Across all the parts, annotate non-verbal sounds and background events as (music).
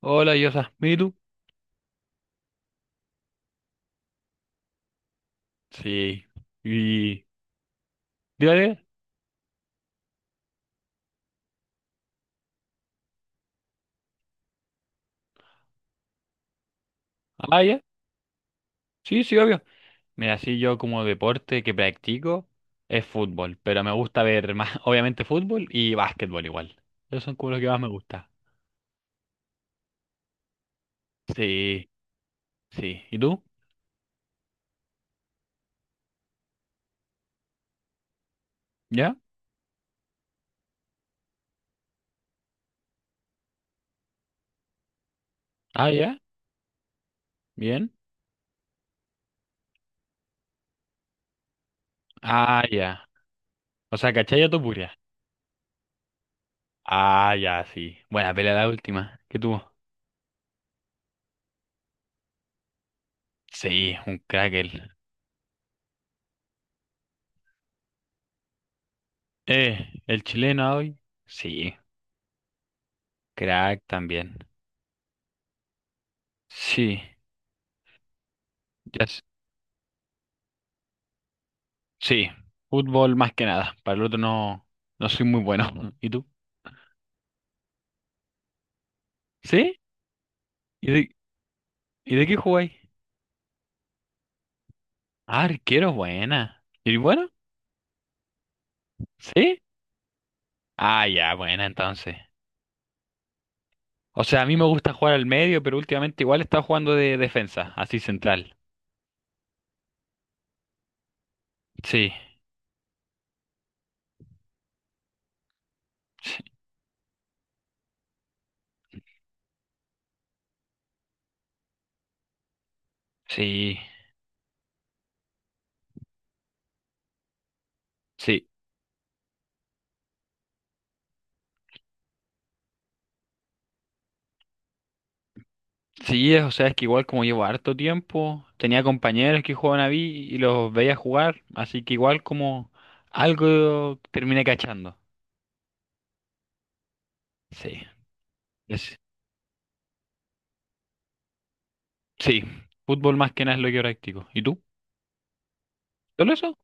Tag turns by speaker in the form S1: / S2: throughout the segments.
S1: Hola, Yosa. ¿Y tú? Sí. ¿Y dale? Ah, ya. Sí, sí, obvio. Mira, sí, yo como deporte que practico es fútbol, pero me gusta ver más, (laughs) obviamente, fútbol y básquetbol igual. Esos son como los que más me gusta. Sí, sí. ¿Y tú? ¿Ya? Ah, ya. Bien. Ah, ya. O sea, ¿cachai tu puria? Ah, ya, sí. Buena pelea la última. ¿Qué tuvo? Sí, un crack él. El chileno hoy. Sí, crack también. Sí. Ya. Sí, fútbol más que nada. Para el otro no, no soy muy bueno. (laughs) ¿Y tú? ¿Sí? ¿Y de qué jugáis? Ah, arquero, buena. ¿Y bueno? ¿Sí? Ah, ya, buena entonces. O sea, a mí me gusta jugar al medio, pero últimamente igual estaba jugando de defensa, así central. Sí, sí, sí, sí. Sí, es- o sea, es que igual como llevo harto tiempo, tenía compañeros que jugaban a mí y los veía jugar, así que igual como algo terminé cachando. Sí. Sí, fútbol más que nada es lo que practico. ¿Y tú? ¿Solo eso?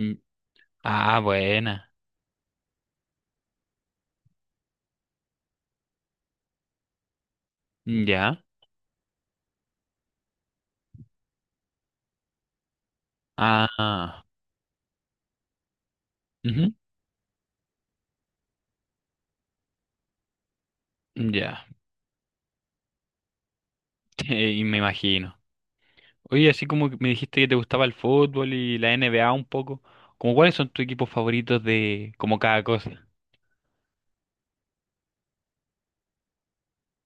S1: Mm. Ah, buena. Mm. Ya. Ah, ujú. Ya. (laughs) Y me imagino. Oye, así como que me dijiste que te gustaba el fútbol y la NBA un poco, ¿como cuáles son tus equipos favoritos de como cada cosa?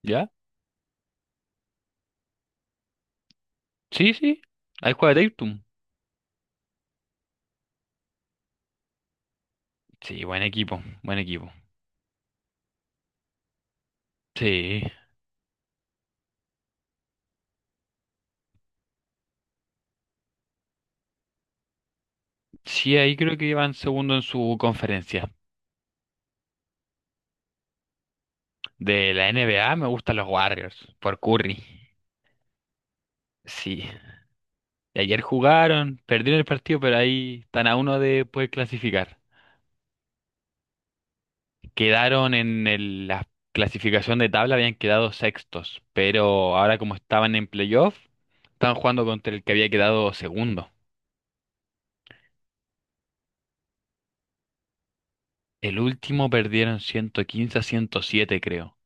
S1: ¿Ya? Sí, sí. Ahí juega Tatum. Sí, buen equipo, buen equipo. Sí. Sí, ahí creo que van segundo en su conferencia. De la NBA me gustan los Warriors, por Curry. Sí. Y ayer jugaron, perdieron el partido, pero ahí están a uno de poder clasificar. Quedaron en el- la clasificación de tabla, habían quedado sextos, pero ahora como estaban en playoff, estaban jugando contra el que había quedado segundo. El último perdieron 115-107, creo.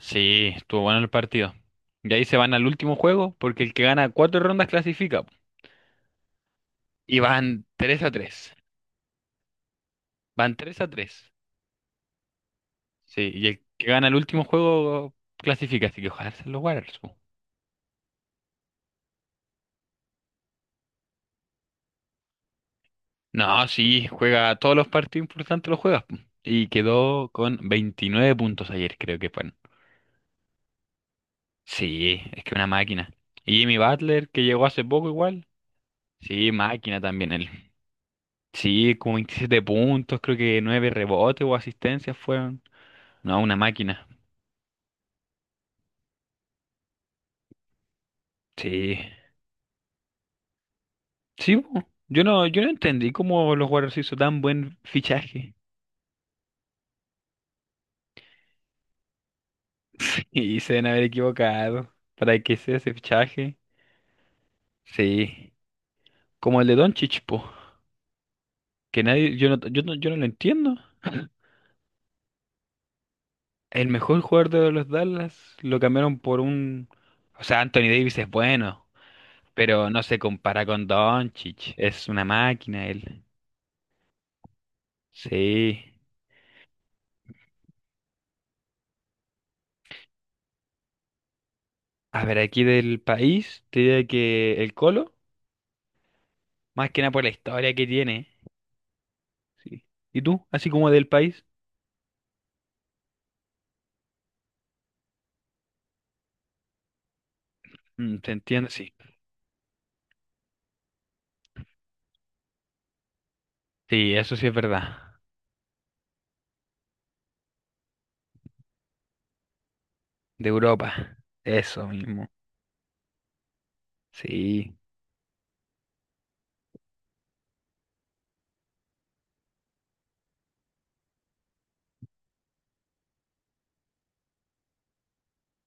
S1: Sí, estuvo bueno el partido. Y ahí se van al último juego, porque el que gana cuatro rondas clasifica. Y van 3-3. Van tres a tres. Sí, y el que gana el último juego clasifica, así que ojalá se los Warriors. No, sí, juega todos los partidos importantes los juegas. Y quedó con 29 puntos ayer, creo que fueron. Sí, es que una máquina. Y Jimmy Butler, que llegó hace poco igual. Sí, máquina también él. Sí, como 27 puntos, creo que 9 rebotes o asistencias fueron. No, una máquina. Sí. Sí, po. Yo no entendí cómo los Warriors hizo tan buen fichaje. (laughs) Y se deben haber equivocado. ¿Para qué se ese fichaje? Sí. Como el de Doncic, po. Que nadie, yo no lo entiendo. El mejor jugador de los Dallas lo cambiaron por un... O sea, Anthony Davis es bueno, pero no se compara con Doncic. Es una máquina él. Sí. A ver, aquí del país, te diría que el Colo, más que nada por la historia que tiene. Sí. ¿Y tú? Así como del país. Mm, te entiendo, sí. Sí, eso sí es verdad. De Europa. Eso mismo. Sí.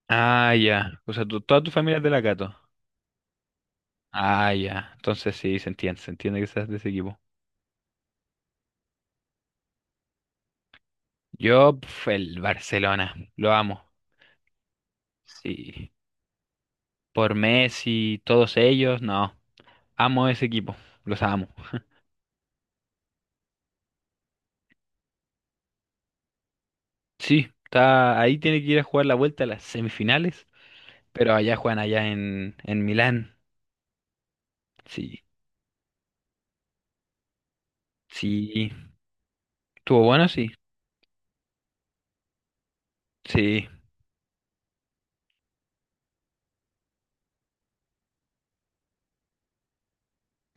S1: Ah, ya. O sea, tu- toda tu familia es de la Cato. Ah, ya. Entonces sí, se entiende que seas de ese equipo. Yo, pf, el Barcelona, lo amo. Sí. Por Messi, todos ellos, no. Amo ese equipo, los amo. Sí, está, ahí tiene que ir a jugar la vuelta a las semifinales, pero allá juegan allá en Milán. Sí, sí. ¿Estuvo bueno? Sí, sí.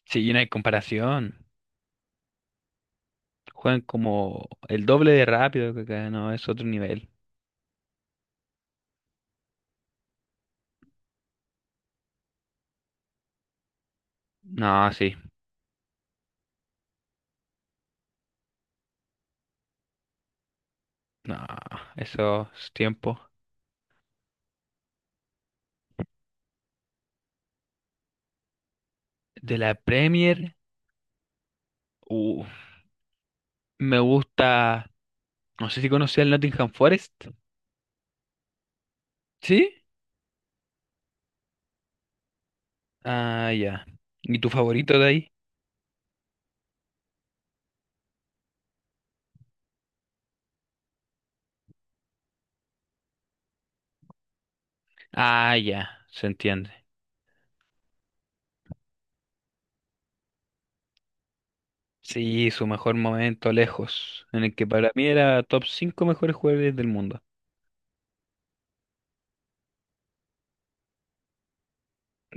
S1: Sí, no hay comparación. Juegan como el doble de rápido que acá, no, es otro nivel. No, sí. No, esos tiempos. De la Premier, uh, me gusta, no sé si conocía el Nottingham Forest. ¿Sí? Ah, ya. ¿Y tu favorito de ahí? Ah, ya, se entiende. Sí, su mejor momento lejos, en el que para mí era top 5 mejores jugadores del mundo.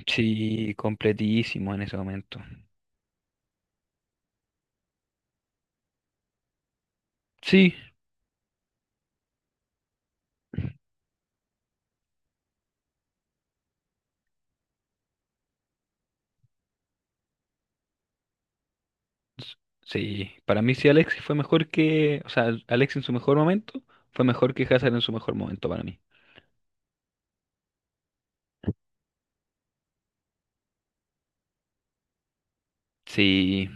S1: Sí, completísimo en ese momento. Sí, s- sí, para mí sí Alexis fue mejor que, o sea, Alexis en su mejor momento fue mejor que Hazard en su mejor momento para mí. Sí,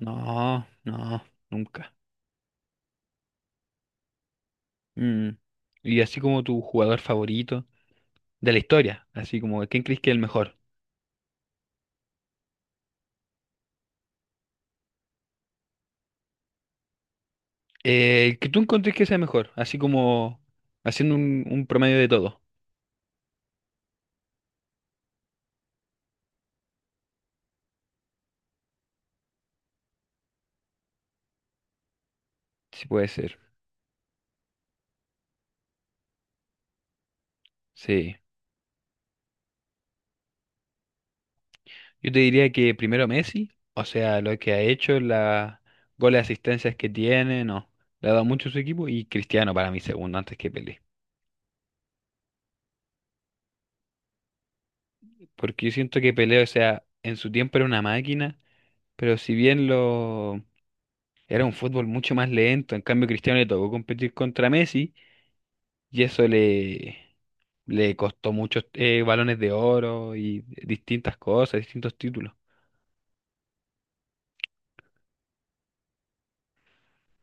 S1: no, no, nunca. Mm. Y así como tu jugador favorito de la historia, así como ¿quién crees que es el mejor? El que tú encuentres que sea mejor, así como haciendo un promedio de todo, si puede ser. Sí. Yo te diría que primero Messi, o sea, lo que ha hecho, la goles, asistencias que tiene, no, le ha dado mucho a su equipo y Cristiano para mí segundo antes que Pelé. Porque yo siento que Pelé, o sea, en su tiempo era una máquina, pero si bien lo era un fútbol mucho más lento, en cambio Cristiano le tocó competir contra Messi. Y eso le costó muchos balones de oro y distintas cosas, distintos títulos.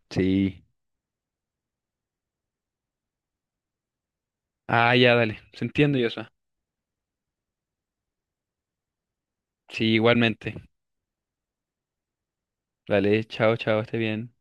S1: Sí. Ah, ya, dale. Se entiende, Joshua. Sí, igualmente. Vale, chao, chao, esté bien.